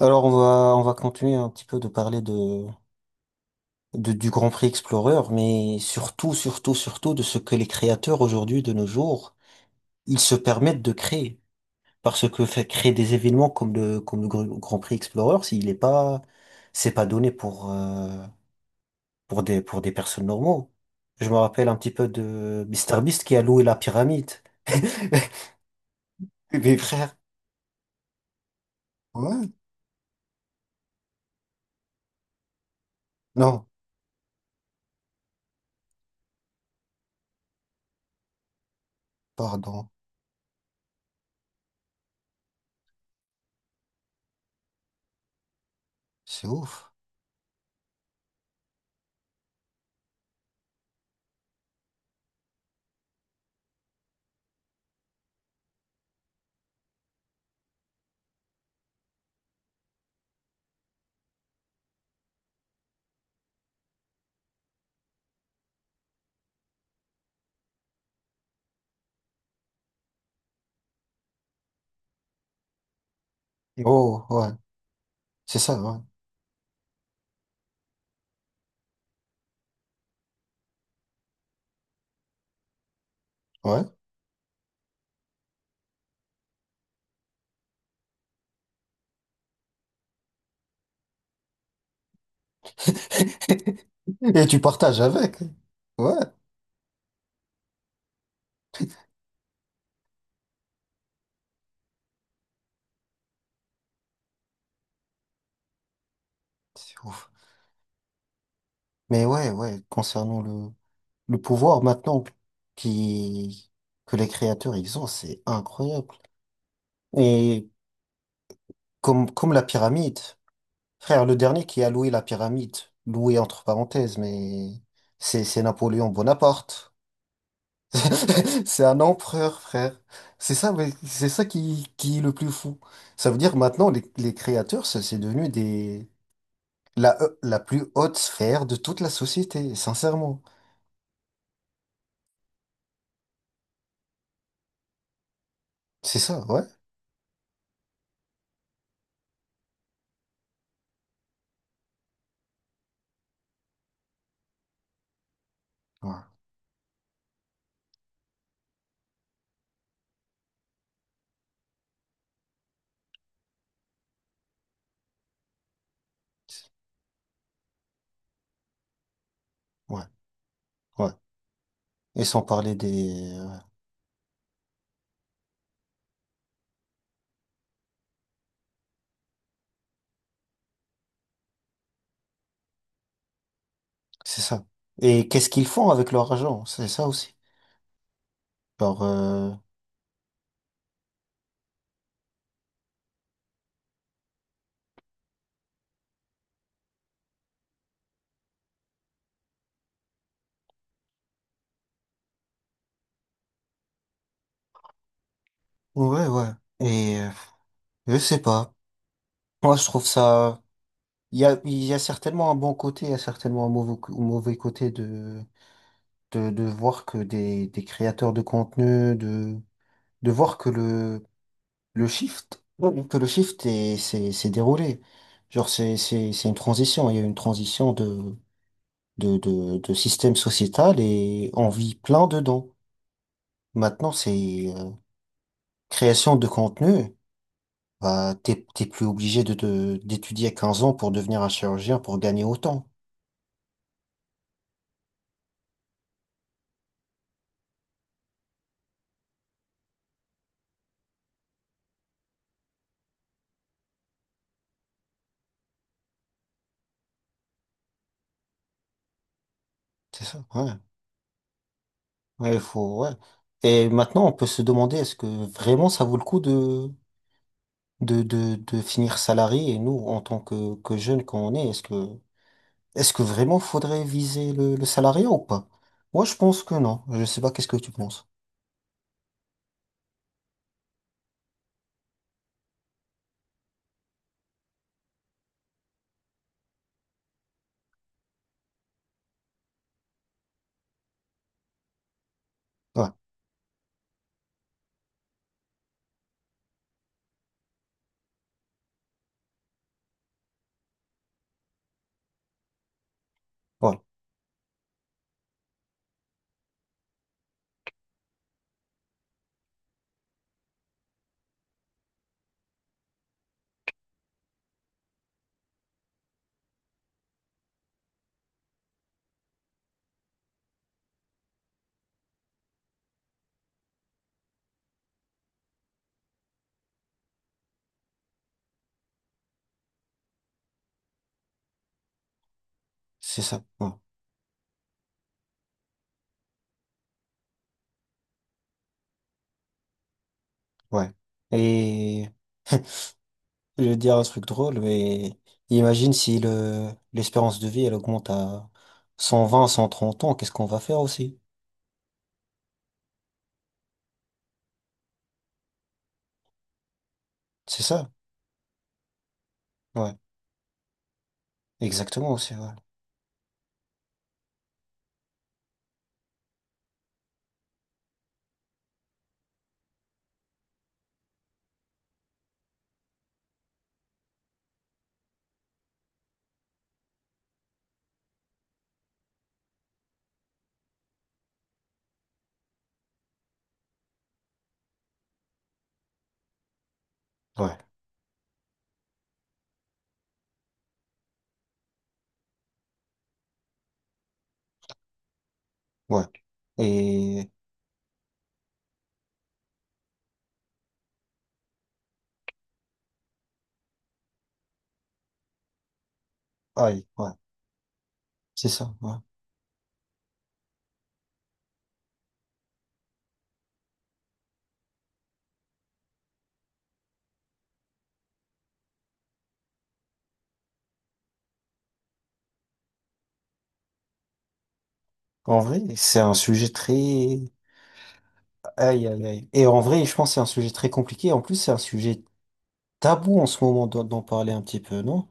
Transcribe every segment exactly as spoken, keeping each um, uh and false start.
Alors, on va, on va continuer un petit peu de parler de, de- du Grand Prix Explorer, mais surtout, surtout, surtout de ce que les créateurs aujourd'hui, de nos jours, ils se permettent de créer. Parce que faire créer des événements comme le, comme le Gr- Grand Prix Explorer, s'il est pas, c'est pas donné pour, euh, pour des, pour des personnes normaux. Je me rappelle un petit peu de Mister Beast qui a loué la pyramide. Mes frères. Ouais. Non, pardon. C'est ouf. Oh, ouais. C'est ça, ouais. Ouais. Et tu partages avec. Ouais, c'est ouf. Mais ouais, ouais, concernant le, le pouvoir maintenant qui, que les créateurs ils ont, c'est incroyable. Et comme, comme la pyramide, frère, le dernier qui a loué la pyramide, loué entre parenthèses, mais c'est, c'est Napoléon Bonaparte. C'est un empereur, frère. C'est ça, mais c'est ça qui, qui est le plus fou. Ça veut dire maintenant les, les créateurs, ça, c'est devenu des. La, euh, la plus haute sphère de toute la société, sincèrement. C'est ça, ouais. Ouais, ouais. Ouais. Et sans parler des ouais. C'est ça. Et qu'est-ce qu'ils font avec leur argent? C'est ça aussi. Genre, euh, ouais, ouais. Et euh, je sais pas. Moi, je trouve ça. Il y a, il y a certainement un bon côté, il y a certainement un mauvais, co- mauvais côté de, de, de voir que des, des créateurs de contenu, de, de voir que le... le shift, oui, que le shift est- s'est s'est déroulé. Genre, c'est, c'est, c'est une transition. Il y a eu une transition de, de, de, de système sociétal et on vit plein dedans. Maintenant, c'est euh, création de contenu. Bah, t'es, t'es plus obligé de, de, d'étudier à quinze ans pour devenir un chirurgien pour gagner autant. C'est ça, ouais. Ouais, il faut, ouais. Et maintenant, on peut se demander est-ce que vraiment ça vaut le coup de, de, de, de finir salarié et nous, en tant que, que jeunes qu'on est, est-ce que est-ce que vraiment faudrait viser le, le salariat ou pas? Moi, je pense que non. Je sais pas, qu'est-ce que tu penses? Ouais, voilà, c'est ça. Ouais. Ouais. Et je vais te dire un truc drôle, mais imagine si le l'espérance de vie, elle augmente à cent vingt, cent trente ans, qu'est-ce qu'on va faire aussi? C'est ça? Ouais, exactement aussi, ouais. Ouais, ouais. Et, aïe, ouais, c'est ça, ouais. En vrai, c'est un sujet très, aïe, aïe, aïe. Et en vrai, je pense que c'est un sujet très compliqué. En plus, c'est un sujet tabou en ce moment d'en d'en parler un petit peu, non?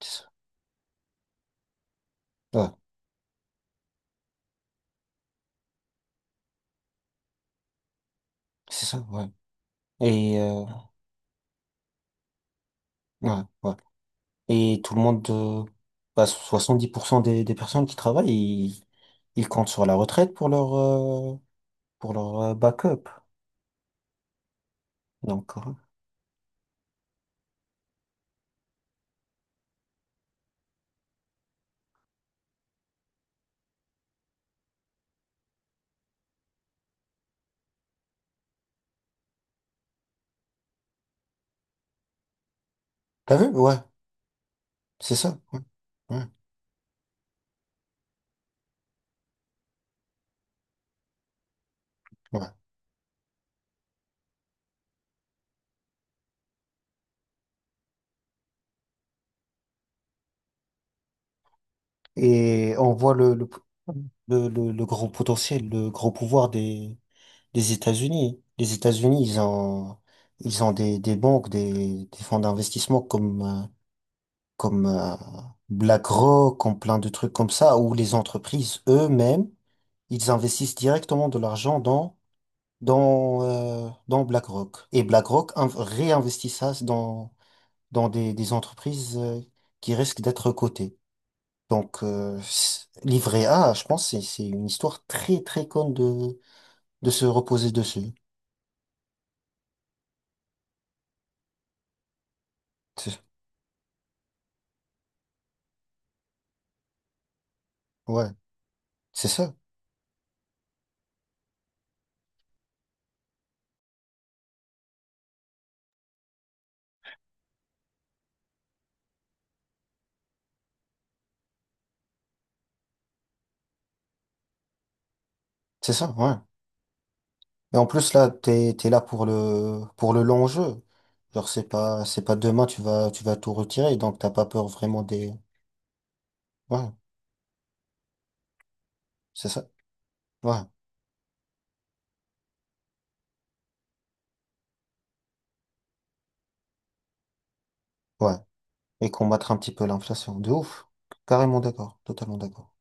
C'est ça, ouais, c'est ça, ouais. Et, euh, ouais, ouais. Et tout le monde, euh, bah, soixante-dix pour cent des, des personnes qui travaillent, ils, ils comptent sur la retraite pour leur, euh, pour leur euh, backup. Donc, euh, t'as vu? Ouais, c'est ça. Ouais, ouais, ouais. Et on voit le, le, le, le- le gros potentiel, le gros pouvoir des, des États-Unis. Les États-Unis, ils ont, ils ont des, des banques, des, des fonds d'investissement comme euh, comme euh, BlackRock, comme plein de trucs comme ça, où les entreprises eux-mêmes, ils investissent directement de l'argent dans dans euh, dans BlackRock. Et BlackRock inv- réinvestit ça dans dans des, des entreprises euh, qui risquent d'être cotées. Donc euh, c- livret A, je pense c'est c'est une histoire très très conne de de se reposer dessus. C'est- Ouais, c'est ça, c'est ça, ouais. Et en plus, là, t'es, t'es là pour le, pour le long jeu. Genre, c'est pas, c'est pas demain, tu vas, tu vas tout retirer, donc t'as pas peur vraiment des, ouais, c'est ça, ouais, ouais. Et combattre un petit peu l'inflation, de ouf. Carrément d'accord, totalement d'accord.